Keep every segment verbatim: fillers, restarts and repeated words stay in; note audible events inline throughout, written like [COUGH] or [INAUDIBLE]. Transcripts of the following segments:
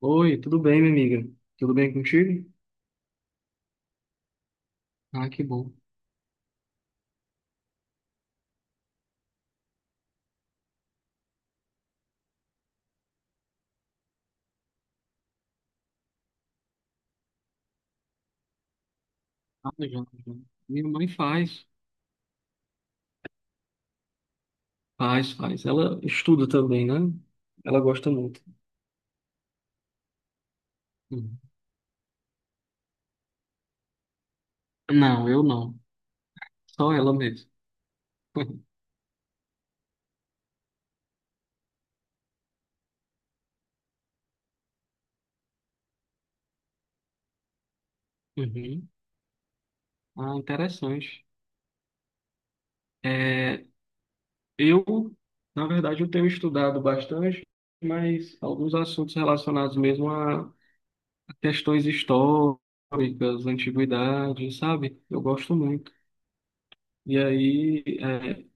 Oi, tudo bem, minha amiga? Tudo bem contigo? Ah, que bom. Ah, já, já. Minha mãe faz. Faz, faz. Ela estuda também, né? Ela gosta muito. Uhum. Não, eu não. Só ela mesmo. [LAUGHS] Uhum. Ah, interessante. É, eu, Na verdade, eu tenho estudado bastante, mas alguns assuntos relacionados mesmo a a questões históricas, antiguidades, sabe? Eu gosto muito. E aí, é,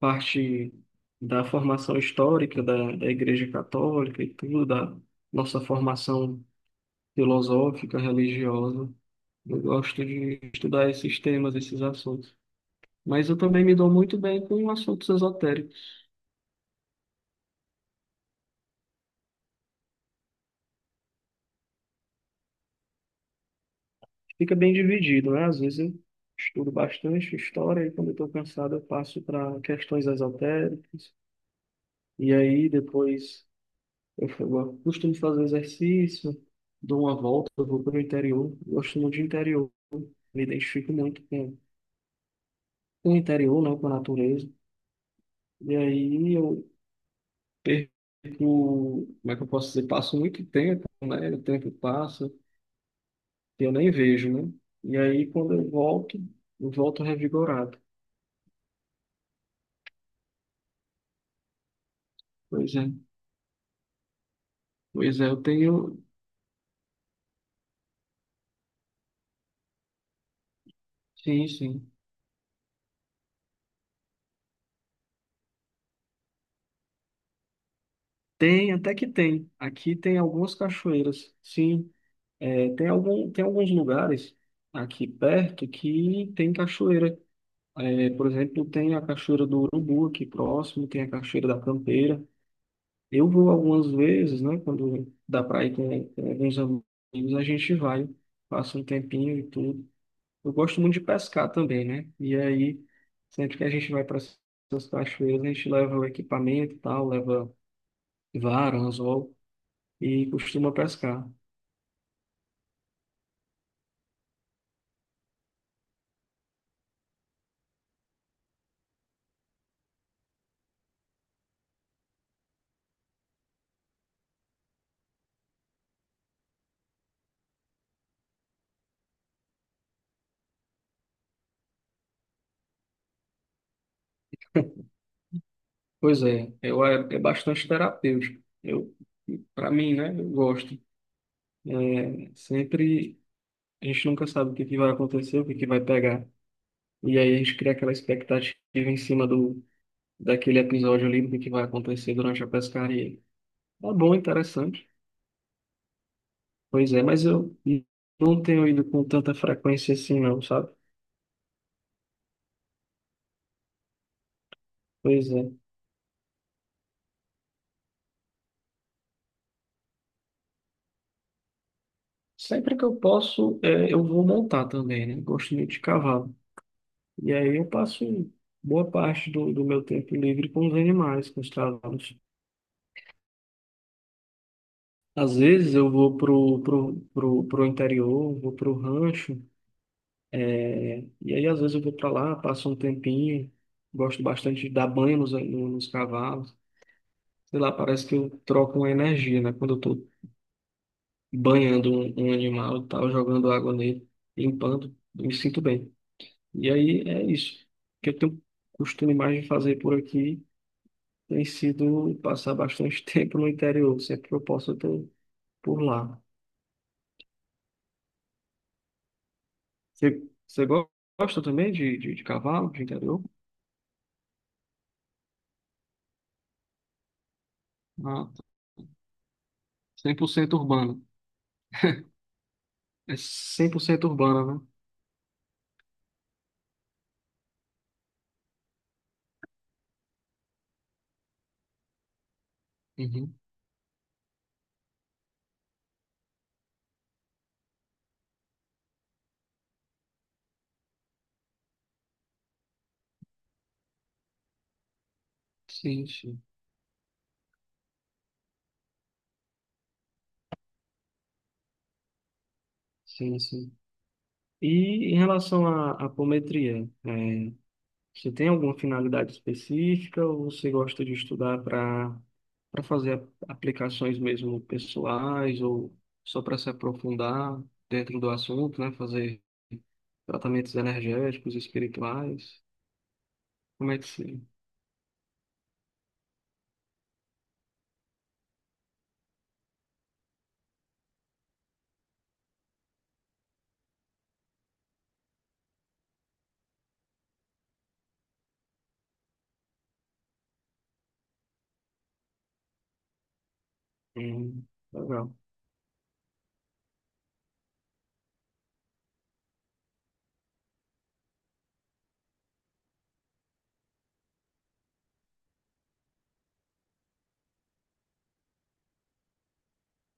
parte da formação histórica da, da Igreja Católica e tudo, da nossa formação filosófica, religiosa. Eu gosto de estudar esses temas, esses assuntos. Mas eu também me dou muito bem com assuntos esotéricos. Fica bem dividido, né? Às vezes eu estudo bastante história e quando eu estou cansado eu passo para questões esotéricas. E aí depois eu, fa- eu costumo fazer exercício, dou uma volta, eu vou para o interior. Eu gosto muito de interior. Me identifico muito com com o interior, né, com a natureza. E aí eu perco, como é que eu posso dizer? Passo muito tempo, né? O tempo passa e eu nem vejo, né? E aí quando eu volto, eu volto revigorado. Pois é. Pois é, eu tenho. Sim, sim. Tem, até que tem. Aqui tem algumas cachoeiras. Sim, é, tem algum, tem alguns lugares aqui perto que tem cachoeira. É, por exemplo, tem a Cachoeira do Urubu aqui próximo, tem a Cachoeira da Campeira. Eu vou algumas vezes, né? Quando dá para ir com, com alguns amigos, a gente vai, passa um tempinho e tudo. Eu gosto muito de pescar também, né? E aí, sempre que a gente vai para essas cachoeiras, a gente leva o equipamento e tal, leva vara, anzol e costuma pescar. Pois é, eu, é, é bastante terapêutico. Eu, para mim, né? Eu gosto. É, sempre. A gente nunca sabe o que que vai acontecer, o que que vai pegar. E aí a gente cria aquela expectativa em cima do, daquele episódio ali, do que que vai acontecer durante a pescaria. Tá bom, interessante. Pois é, mas eu não tenho ido com tanta frequência assim não, sabe? Pois é. Sempre que eu posso, é, eu vou montar também, né? Gosto muito de cavalo. E aí eu passo boa parte do, do meu tempo livre com os animais, com os cavalos. Às vezes eu vou pro, pro, pro, pro interior, vou pro rancho. É. E aí, às vezes, eu vou para lá, passo um tempinho, gosto bastante de dar banho nos, no- nos cavalos. Sei lá, parece que eu troco uma energia, né? Quando eu tô banhando um, um animal e tal, jogando água nele, limpando, eu me sinto bem. E aí é isso. O que eu tenho costume mais de fazer por aqui tem sido passar bastante [LAUGHS] tempo no interior, sempre que eu posso, eu tô por lá. Você, você go- Gosta também de, de, de cavalo, de interior? Ah, cem por cento urbano. É cem por cento urbana. Uhum. Sim, sim, sim, sim. E em relação à, à apometria, é, você tem alguma finalidade específica ou você gosta de estudar para para fazer a- aplicações mesmo pessoais ou só para se aprofundar dentro do assunto, né? Fazer tratamentos energéticos, espirituais? Como é que se... Hum, legal.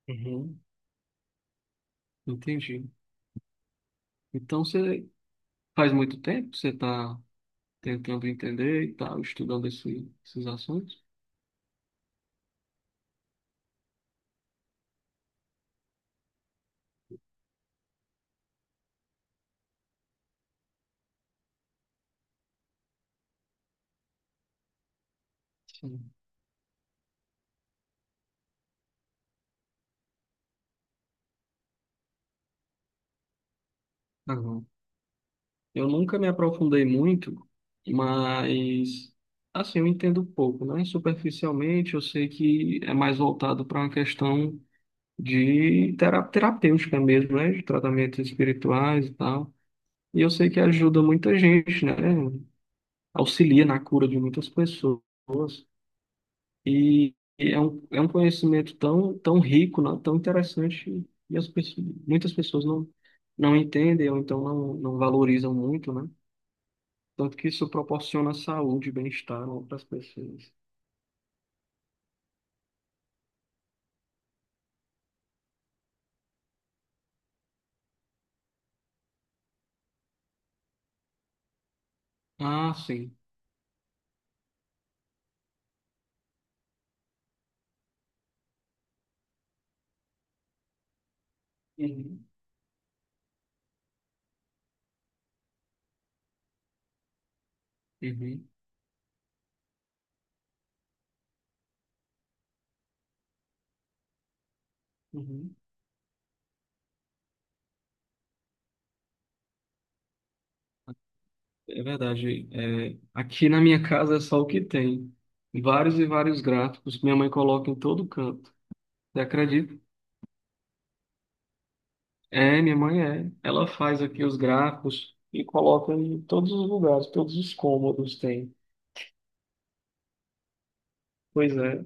Uhum, entendi. Então você faz muito tempo que você está tentando entender e tal, estudando esse, esses assuntos. Sim. Aham. Eu nunca me aprofundei muito, mas assim, eu entendo pouco, né? Superficialmente, eu sei que é mais voltado para uma questão de tera- terapêutica mesmo, né? De tratamentos espirituais e tal. E eu sei que ajuda muita gente, né? Auxilia na cura de muitas pessoas. E é um, é um conhecimento tão, tão rico, né, tão interessante, e as pessoas, muitas pessoas não, não entendem ou então não, não valorizam muito, né? Tanto que isso proporciona saúde e bem-estar para as pessoas. Ah, sim. Uhum. Uhum. Uhum. É verdade. É, aqui na minha casa é só o que tem. Vários e vários gráficos. Minha mãe coloca em todo canto. Você acredita? É, minha mãe é. Ela faz aqui os gráficos e coloca em todos os lugares, todos os cômodos tem. Pois é.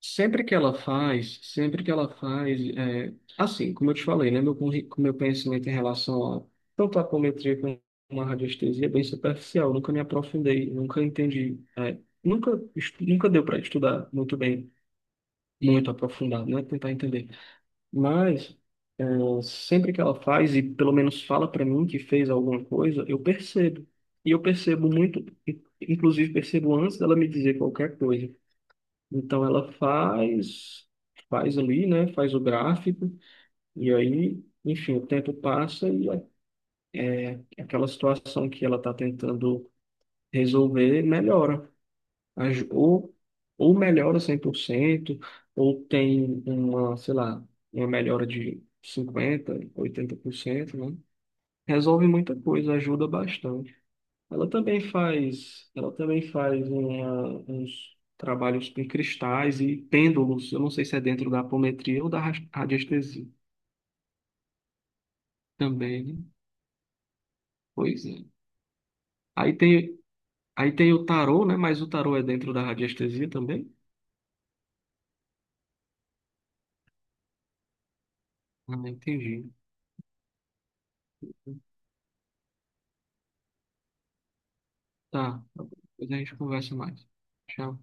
Sempre que ela faz, sempre que ela faz, é, assim, como eu te falei, né, meu, conhe- meu conhecimento em relação a tanto a apometria como uma radiestesia é bem superficial, eu nunca me aprofundei, nunca entendi, é, nunca, estu- nunca deu para estudar muito bem, muito aprofundado, né, tentar entender. Mas é, sempre que ela faz, e pelo menos fala para mim que fez alguma coisa, eu percebo. E eu percebo muito, in- inclusive percebo antes dela me dizer qualquer coisa. Então ela faz, faz ali, né? Faz o gráfico, e aí, enfim, o tempo passa e a- aquela situação que ela está tentando resolver melhora. Aj- Ou, ou melhora cem por cento ou tem uma, sei lá, uma melhora de cinquenta por cento, oitenta por cento, né? Resolve muita coisa, ajuda bastante. Ela também faz, ela também faz uma- uns trabalhos com cristais e pêndulos. Eu não sei se é dentro da apometria ou da ras- radiestesia também, né? Pois é. Aí tem, Aí tem o tarô, né? Mas o tarô é dentro da radiestesia também? Ah, entendi. Tá, depois a gente conversa mais. Tchau.